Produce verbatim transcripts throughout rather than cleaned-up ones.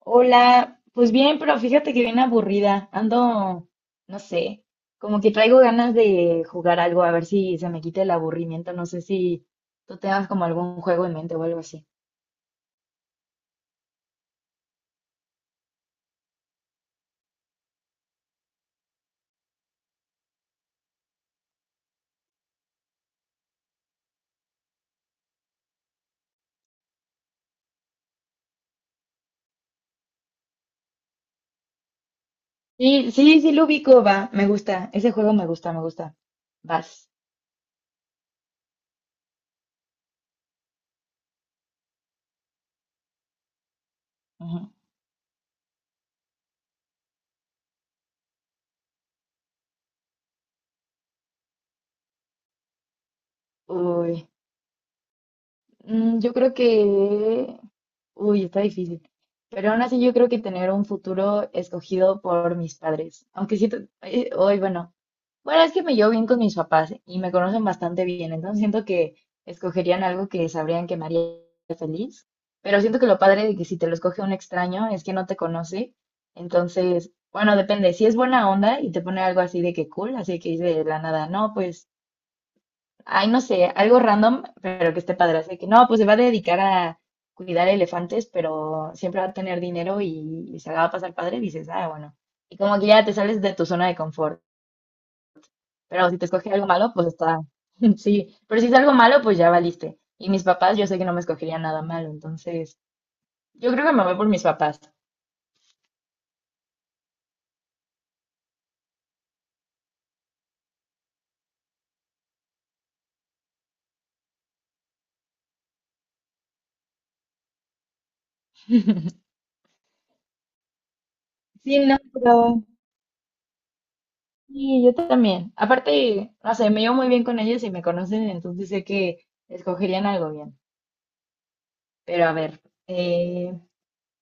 Hola, pues bien, pero fíjate que bien aburrida. Ando, no sé, como que traigo ganas de jugar algo, a ver si se me quita el aburrimiento. No sé si tú tengas como algún juego en mente o algo así. Sí, sí, sí lo ubico, va, me gusta. Ese juego me gusta, me gusta. Vas. Ujú. Uy, mm, yo creo que... Uy, está difícil. Pero aún así yo creo que tener un futuro escogido por mis padres. Aunque sí, hoy, bueno. Bueno, es que me llevo bien con mis papás y me conocen bastante bien, entonces siento que escogerían algo que sabrían que me haría feliz, pero siento que lo padre de que si te lo escoge un extraño es que no te conoce, entonces, bueno, depende, si es buena onda y te pone algo así de que cool, así que dice de la nada, no, pues, ay, no sé, algo random, pero que esté padre, así que no, pues se va a dedicar a cuidar elefantes, pero siempre va a tener dinero y, y se la va a pasar padre, dices, ah, bueno, y como que ya te sales de tu zona de confort. Pero si te escoge algo malo, pues está, sí, pero si es algo malo, pues ya valiste. Y mis papás, yo sé que no me escogerían nada malo, entonces yo creo que me voy por mis papás. Sí, no, pero sí, yo también. Aparte, no sé, me llevo muy bien con ellos y me conocen, entonces sé que escogerían algo bien. Pero a ver, eh,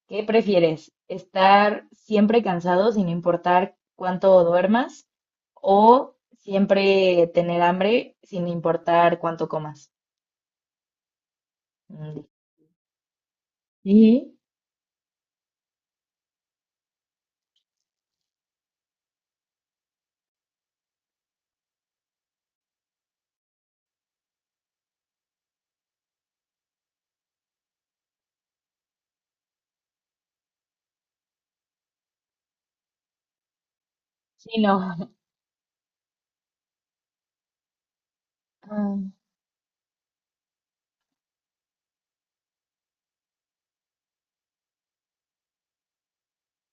¿qué prefieres? ¿Estar siempre cansado sin importar cuánto duermas o siempre tener hambre sin importar cuánto comas? Mm, sí, sí, no. Ah,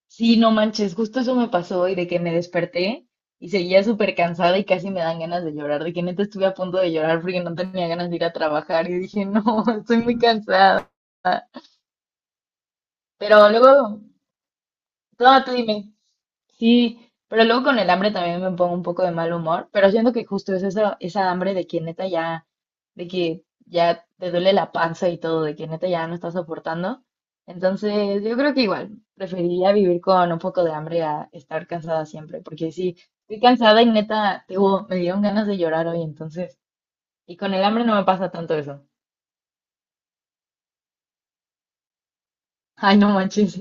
sí, no manches, justo eso me pasó hoy de que me desperté y seguía súper cansada y casi me dan ganas de llorar, de que neta estuve a punto de llorar porque no tenía ganas de ir a trabajar y dije, no, estoy muy cansada. Pero luego, no, tú dime. Sí, pero luego con el hambre también me pongo un poco de mal humor, pero siento que justo es esa, esa hambre de que neta ya, de que ya te duele la panza y todo, de que neta ya no estás soportando. Entonces, yo creo que igual, preferiría vivir con un poco de hambre a estar cansada siempre, porque sí, estoy cansada y neta, te digo, me dieron ganas de llorar hoy, entonces, y con el hambre no me pasa tanto eso. Ay, no manches.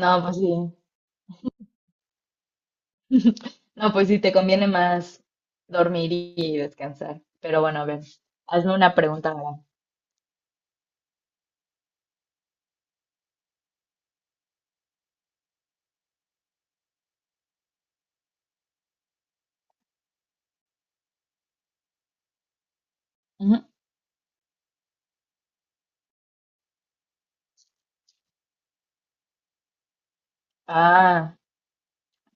No, pues sí. No, pues sí, te conviene más dormir y descansar. Pero bueno, a ver, hazme una pregunta ahora. Ujú. Ah,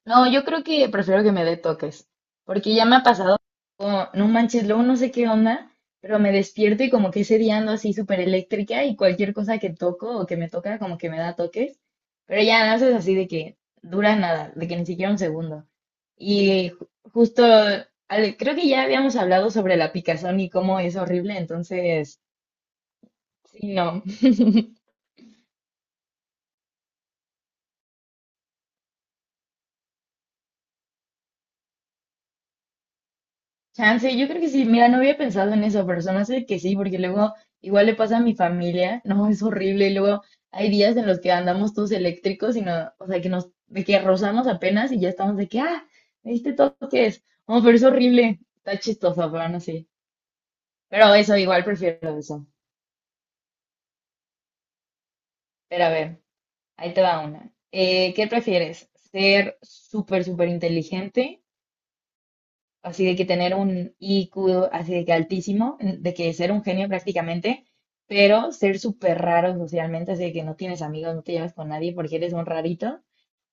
no, yo creo que prefiero que me dé toques, porque ya me ha pasado, como, no manches, luego no sé qué onda, pero me despierto y como que ese día ando así súper eléctrica y cualquier cosa que toco o que me toca como que me da toques, pero ya no haces así de que dura nada, de que ni siquiera un segundo. Y ju- justo, Ale, creo que ya habíamos hablado sobre la picazón y cómo es horrible, entonces, sí, no. Chance, yo creo que sí, mira, no había pensado en eso, pero se me hace que sí, porque luego igual le pasa a mi familia, no, es horrible, y luego hay días en los que andamos todos eléctricos y no, o sea, que nos, de que rozamos apenas y ya estamos de que, ah, me diste toques, no, pero es horrible, está chistoso, pero no sé, pero eso, igual prefiero eso, pero a ver. Ahí te va una. Eh, ¿qué prefieres? ¿Ser súper, súper inteligente? Así de que tener un I Q así de que altísimo, de que ser un genio prácticamente, pero ser súper raro socialmente, así de que no tienes amigos, no te llevas con nadie porque eres un rarito.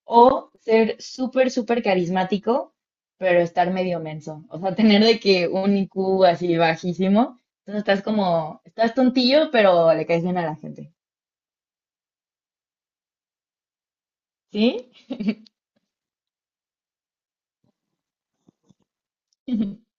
O ser súper, súper carismático, pero estar medio menso. O sea, tener de que un I Q así bajísimo. Entonces estás como, estás tontillo, pero le caes bien a la gente. ¿Sí?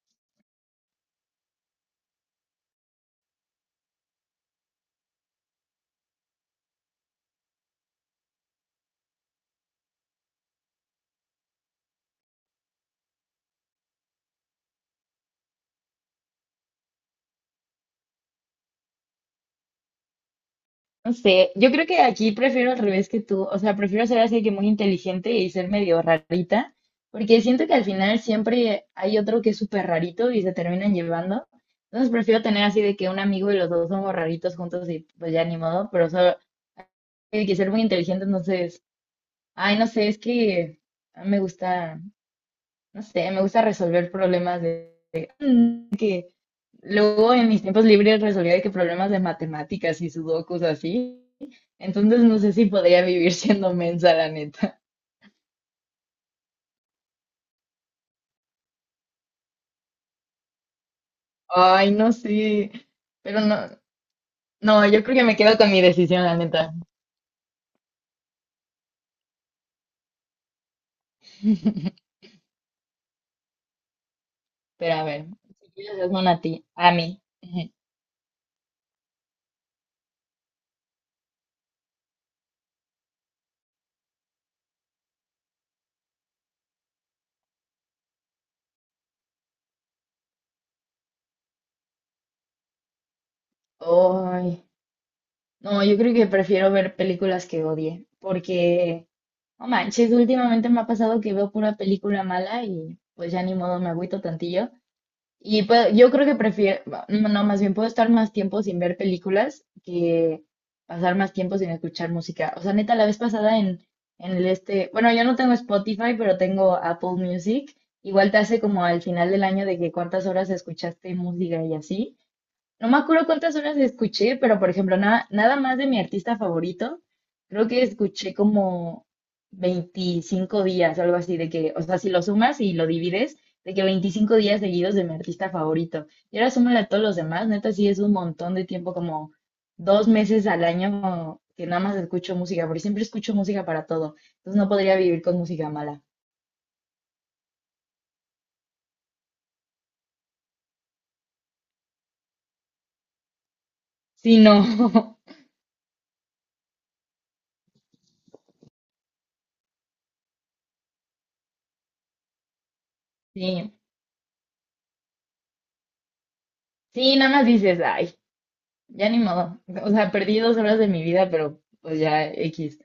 No sé, yo creo que aquí prefiero al revés que tú, o sea, prefiero ser así que muy inteligente y ser medio rarita, porque siento que al final siempre hay otro que es súper rarito y se terminan llevando. Entonces prefiero tener así de que un amigo y los dos somos raritos juntos y pues ya ni modo, pero solo hay que ser muy inteligente, entonces, ay, no sé, es que me gusta, no sé, me gusta resolver problemas de... de- Luego en mis tiempos libres resolvía de que problemas de matemáticas y sudokus así. Entonces no sé si podría vivir siendo mensa, la neta. Ay, no sé. Pero no, no, yo creo que me quedo con mi decisión, la neta. Pero a ver, si quieres hazme una a ti, a mí. Ay, no, yo creo que prefiero ver películas que odie, porque, no manches, últimamente me ha pasado que veo pura película mala y pues ya ni modo me agüito tantillo. Y puedo- yo creo que prefiero, no, no, más bien puedo estar más tiempo sin ver películas que pasar más tiempo sin escuchar música. O sea, neta, la vez pasada en, en, el este, bueno, yo no tengo Spotify, pero tengo Apple Music. Igual te hace como al final del año de que cuántas horas escuchaste música y así. No me acuerdo cuántas horas escuché, pero por ejemplo, nada, nada más de mi artista favorito, creo que escuché como veinticinco días, algo así, de que, o sea, si lo sumas y lo divides, de que veinticinco días seguidos de mi artista favorito. Y ahora súmale a todos los demás, neta, sí es un montón de tiempo, como dos meses al año que nada más escucho música, porque siempre escucho música para todo. Entonces no podría vivir con música mala. Sí, no. Sí, sí, nada más dices, ay, ya ni modo. O sea, perdí dos horas de mi vida, pero pues ya X.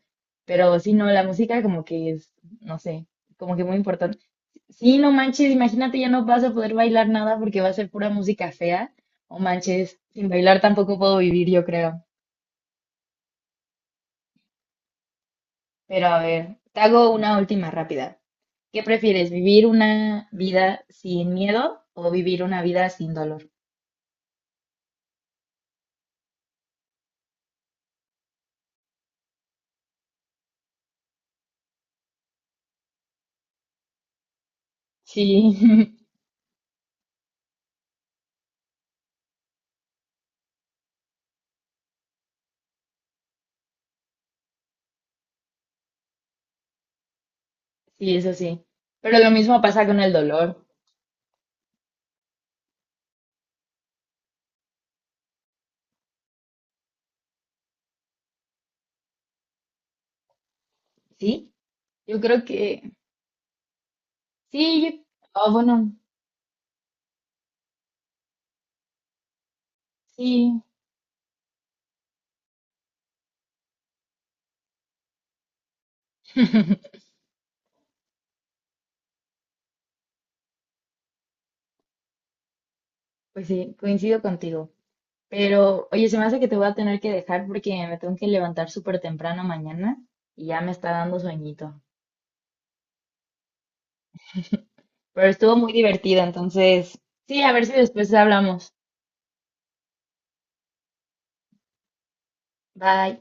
Pero sí, no, la música como que es, no sé, como que muy importante. Sí, no manches, imagínate, ya no vas a poder bailar nada porque va a ser pura música fea. O manches, sin bailar tampoco puedo vivir, yo creo. Pero a ver, te hago una última rápida. ¿Qué prefieres, vivir una vida sin miedo o vivir una vida sin dolor? Sí, sí, eso sí. Pero lo mismo pasa con el dolor, ¿sí? Yo creo que... Sí, yo- ah, bueno, sí, pues sí, coincido contigo. Pero, oye, se me hace que te voy a tener que dejar porque me tengo que levantar súper temprano mañana y ya me está dando sueñito. Pero estuvo muy divertido, entonces, sí, a ver si después hablamos. Bye.